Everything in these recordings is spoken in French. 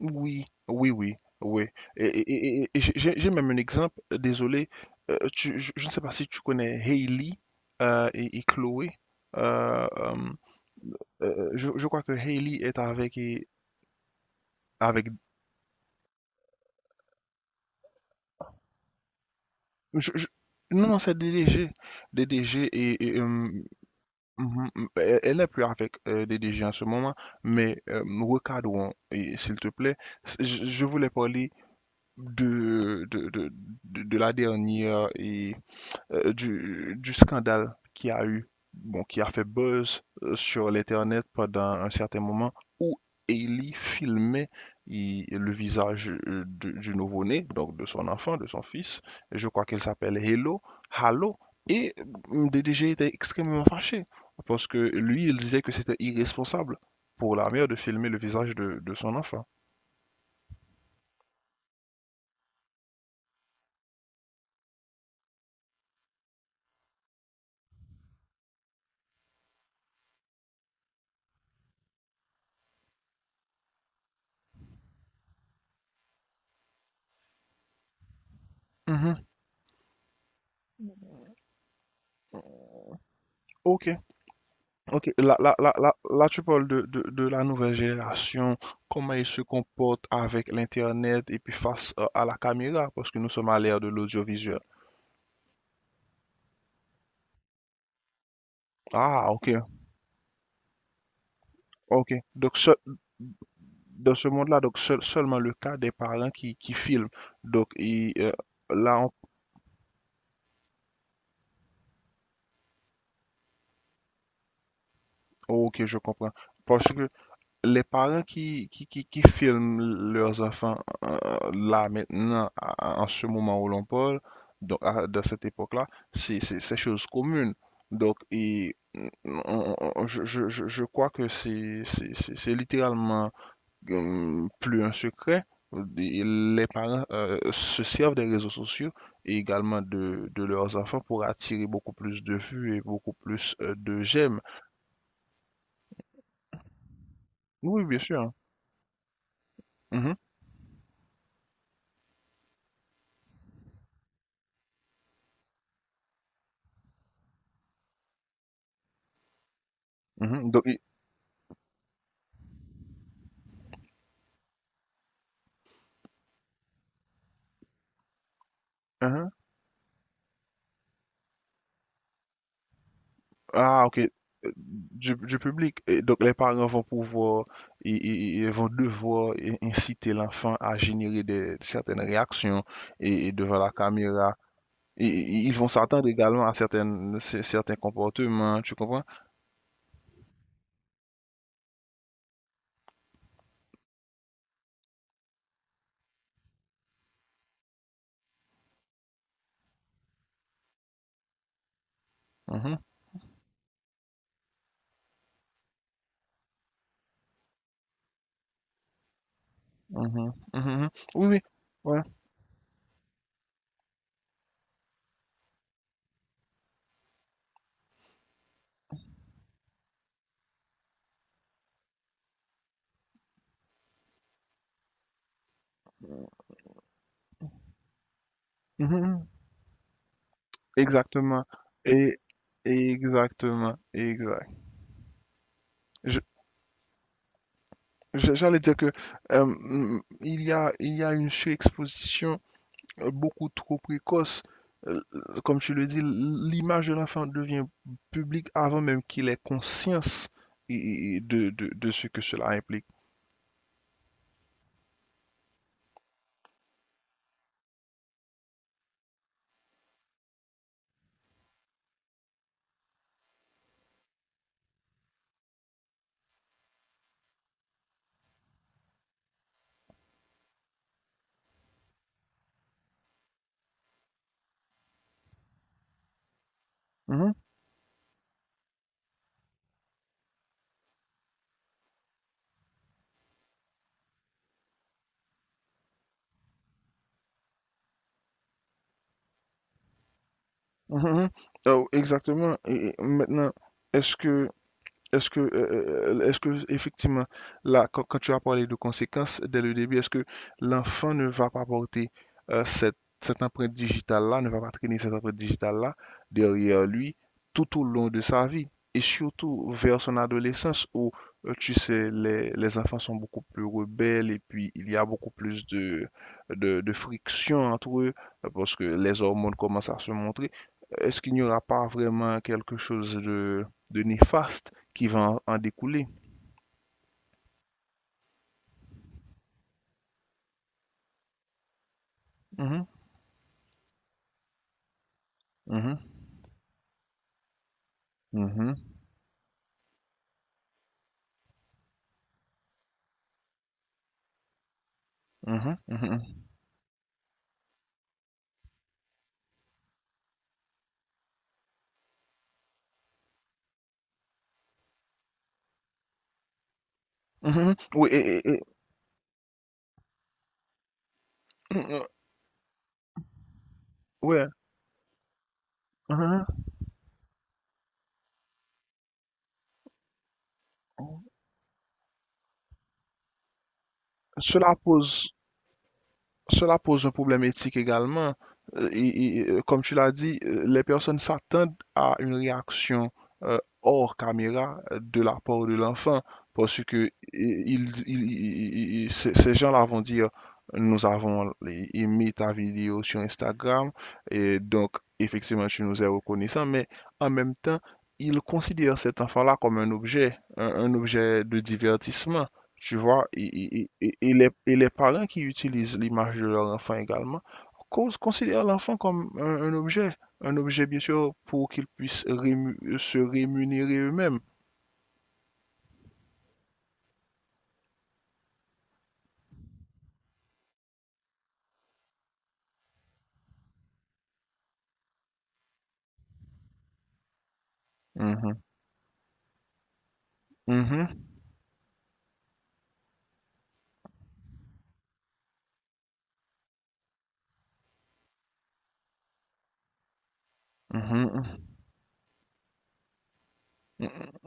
Oui, oui, oui, oui. Et, et- et, j'ai même un exemple, désolé, je ne sais pas si tu connais Hailey et Chloé. Euh, euh, je crois que Hailey est avec... avec je- je- non, c'est DDG. DDG et... Mhm. Elle n'est plus avec DDG en ce moment, mais recadrons, et s'il te plaît. Je voulais parler de, de, de, de la dernière... du scandale qui a eu, bon, qui a fait buzz sur l'Internet pendant un certain moment où Hailey filmait le visage du nouveau-né, donc de son enfant, de son fils. Je crois qu'elle s'appelle Hello, Halo. Et le DDG était extrêmement fâché parce que lui, il disait que c'était irresponsable pour la mère de filmer le visage de son enfant. Mhm. Ok. Ok, là, là, là, là, là, tu parles de la nouvelle génération, comment ils se comportent avec l'Internet et puis face à la caméra, parce que nous sommes à l'ère de l'audiovisuel. Ah, ok, ok. Donc, dans ce monde-là, donc seulement le cas des parents qui filment. Donc, et, là, ok, je comprends. Parce que les parents qui filment leurs enfants euh, là maintenant, en ce moment où l'on parle, donc de cette époque-là, c'est chose commune. Donc, et, je crois que c'est littéralement plus un secret. Et les parents se servent des réseaux sociaux et également de leurs enfants pour attirer beaucoup plus de vues et beaucoup plus de j'aime. Oui, bien sûr, hein. Mhm, mhm. Donc, mhm. Ah, ok. Du public. Et donc, les parents vont pouvoir, ils vont devoir inciter l'enfant à générer des, certaines réactions et devant la caméra. Et, ils vont s'attendre également à certaines, certains comportements, tu comprends? Mhm, mhm, mhm. Oui, oui. Ouais. Mhm, exactement. Et exactement. Exact. Je- J'allais dire que il y a une surexposition beaucoup trop précoce. Comme tu le dis, l'image de l'enfant devient publique avant même qu'il ait conscience et de ce que cela implique. Mhm, mhm, mhm. Oh, exactement. Et maintenant, est-ce que Est-ce que, effectivement, là, quand tu as parlé de conséquences dès le début, est-ce que l'enfant ne va pas porter cette empreinte digitale-là, ne va pas traîner cette empreinte digitale-là derrière lui tout au long de sa vie? Et surtout vers son adolescence où, tu sais, les enfants sont beaucoup plus rebelles et puis il y a beaucoup plus de friction entre eux parce que les hormones commencent à se montrer. Est-ce qu'il n'y aura pas vraiment quelque chose de néfaste qui va en découler? Mhm, mhm, mhm, mhm, mhm, mhm. Oui, mhm, ouais, mhm. Cela pose Cela pose un problème éthique également. Comme tu l'as dit, les personnes s'attendent à une réaction hors caméra de la part de l'enfant parce que ces gens-là vont dire, nous avons aimé ta vidéo sur Instagram et donc effectivement tu nous es reconnaissant, mais en même temps, ils considèrent cet enfant-là comme un objet, un objet de divertissement. Tu vois, et les parents qui utilisent l'image de leur enfant également considèrent l'enfant comme un objet, un objet bien sûr pour qu'ils puissent se rémunérer eux-mêmes. Mhm, mhm, mhm, mhm, mhm,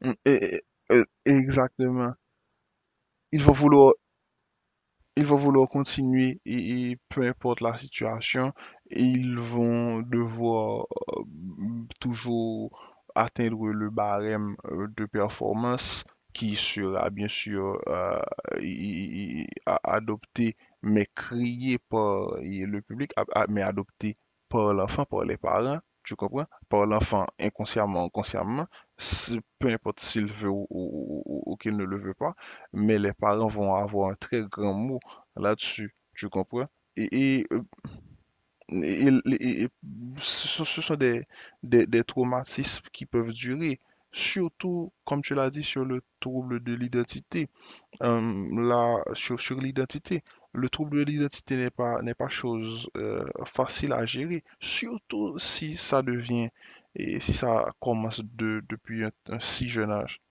mhm, exactement. Ils vont vouloir Ils vont vouloir continuer et peu importe la situation, ils vont devoir euh, toujours atteindre le barème de performance qui sera bien sûr adopté, mais crié par et le public, mais adopté par l'enfant, par les parents. Tu comprends? Par l'enfant inconsciemment, consciemment, peu importe s'il veut ou qu'il ne le veut pas, mais les parents vont avoir un très grand mot là-dessus, tu comprends? Et, et, euh, et- et ce sont des traumatismes qui peuvent durer, surtout, comme tu l'as dit, sur le trouble de l'identité. Là, sur l'identité, le trouble de l'identité n'est pas chose facile à gérer, surtout si ça devient et si ça commence depuis un si jeune âge.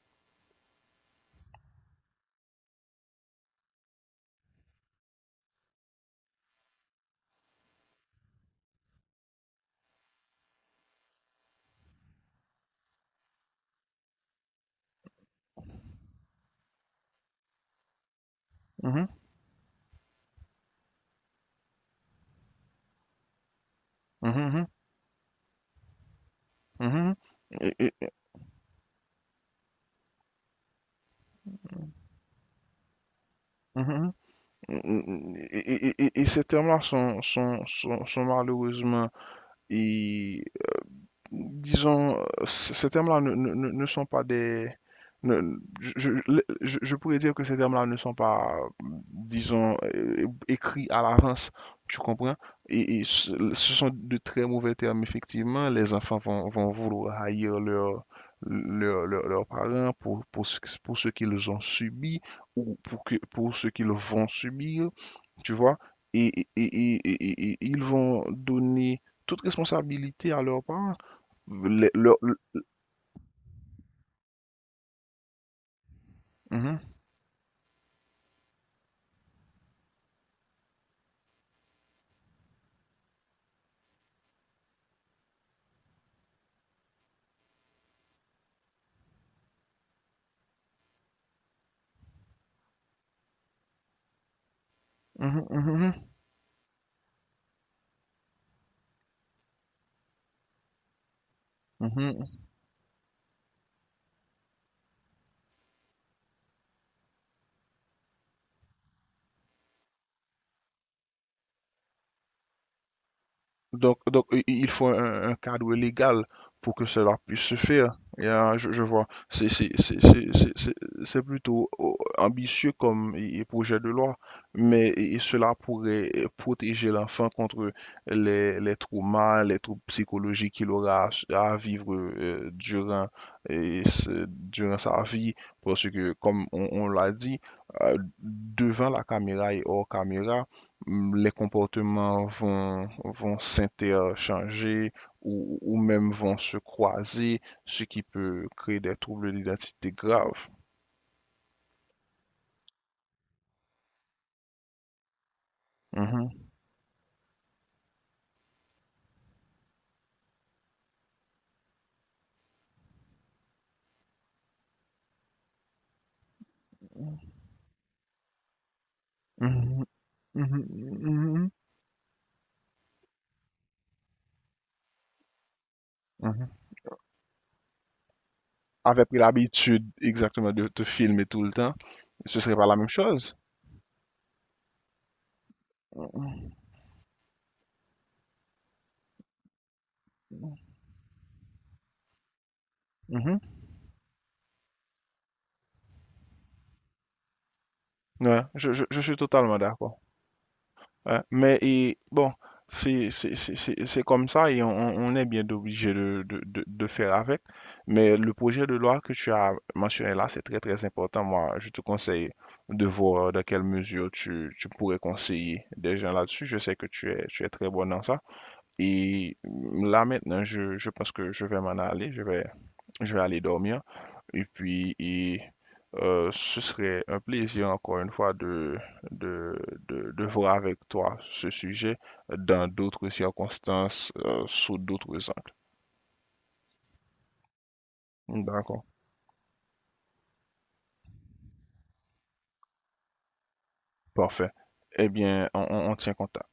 Mhm, mhm, mhm, mhm. Et- et- mhm. Et, et ces termes-là sont malheureusement, et, disons, ces termes-là ne sont pas des... ne- je pourrais dire que ces termes-là ne sont pas, disons, écrits à l'avance, tu comprends? Et ce sont de très mauvais termes, effectivement. Les enfants vont vouloir haïr leurs parents pour ce qu'ils ont subi ou pour ce qu'ils vont subir, tu vois, ils vont donner toute responsabilité à leurs parents. Les- leur- le- Mhm, mhm, mhm, mhm, mhm. Donc, il faut un cadre légal pour que cela puisse se faire. Et, je vois, c'est plutôt oh, ambitieux comme projet de loi, mais cela pourrait protéger l'enfant contre les traumas, les troubles psychologiques qu'il aura à vivre durant, durant sa vie, parce que, comme on l'a dit, devant la caméra et hors caméra, les comportements vont s'interchanger ou même vont se croiser, ce qui peut créer des troubles d'identité graves. Mhm, mhm, mhm, mhm, mhm. Avait pris l'habitude exactement de te filmer tout le temps, ce serait pas la même chose. Mhm, mhm. Ouais, je suis totalement d'accord. Ouais, mais et, bon, c'est comme ça et on est bien obligé de faire avec. Mais le projet de loi que tu as mentionné là, c'est très très important. Moi, je te conseille de voir dans quelle mesure tu pourrais conseiller des gens là-dessus. Je sais que tu es très bon dans ça. Et là maintenant, je pense que je vais m'en aller. Je vais aller dormir. Et puis, ce serait un plaisir, encore une fois, de, de voir avec toi ce sujet dans d'autres circonstances, sous d'autres angles. D'accord, parfait. Eh bien, on tient contact.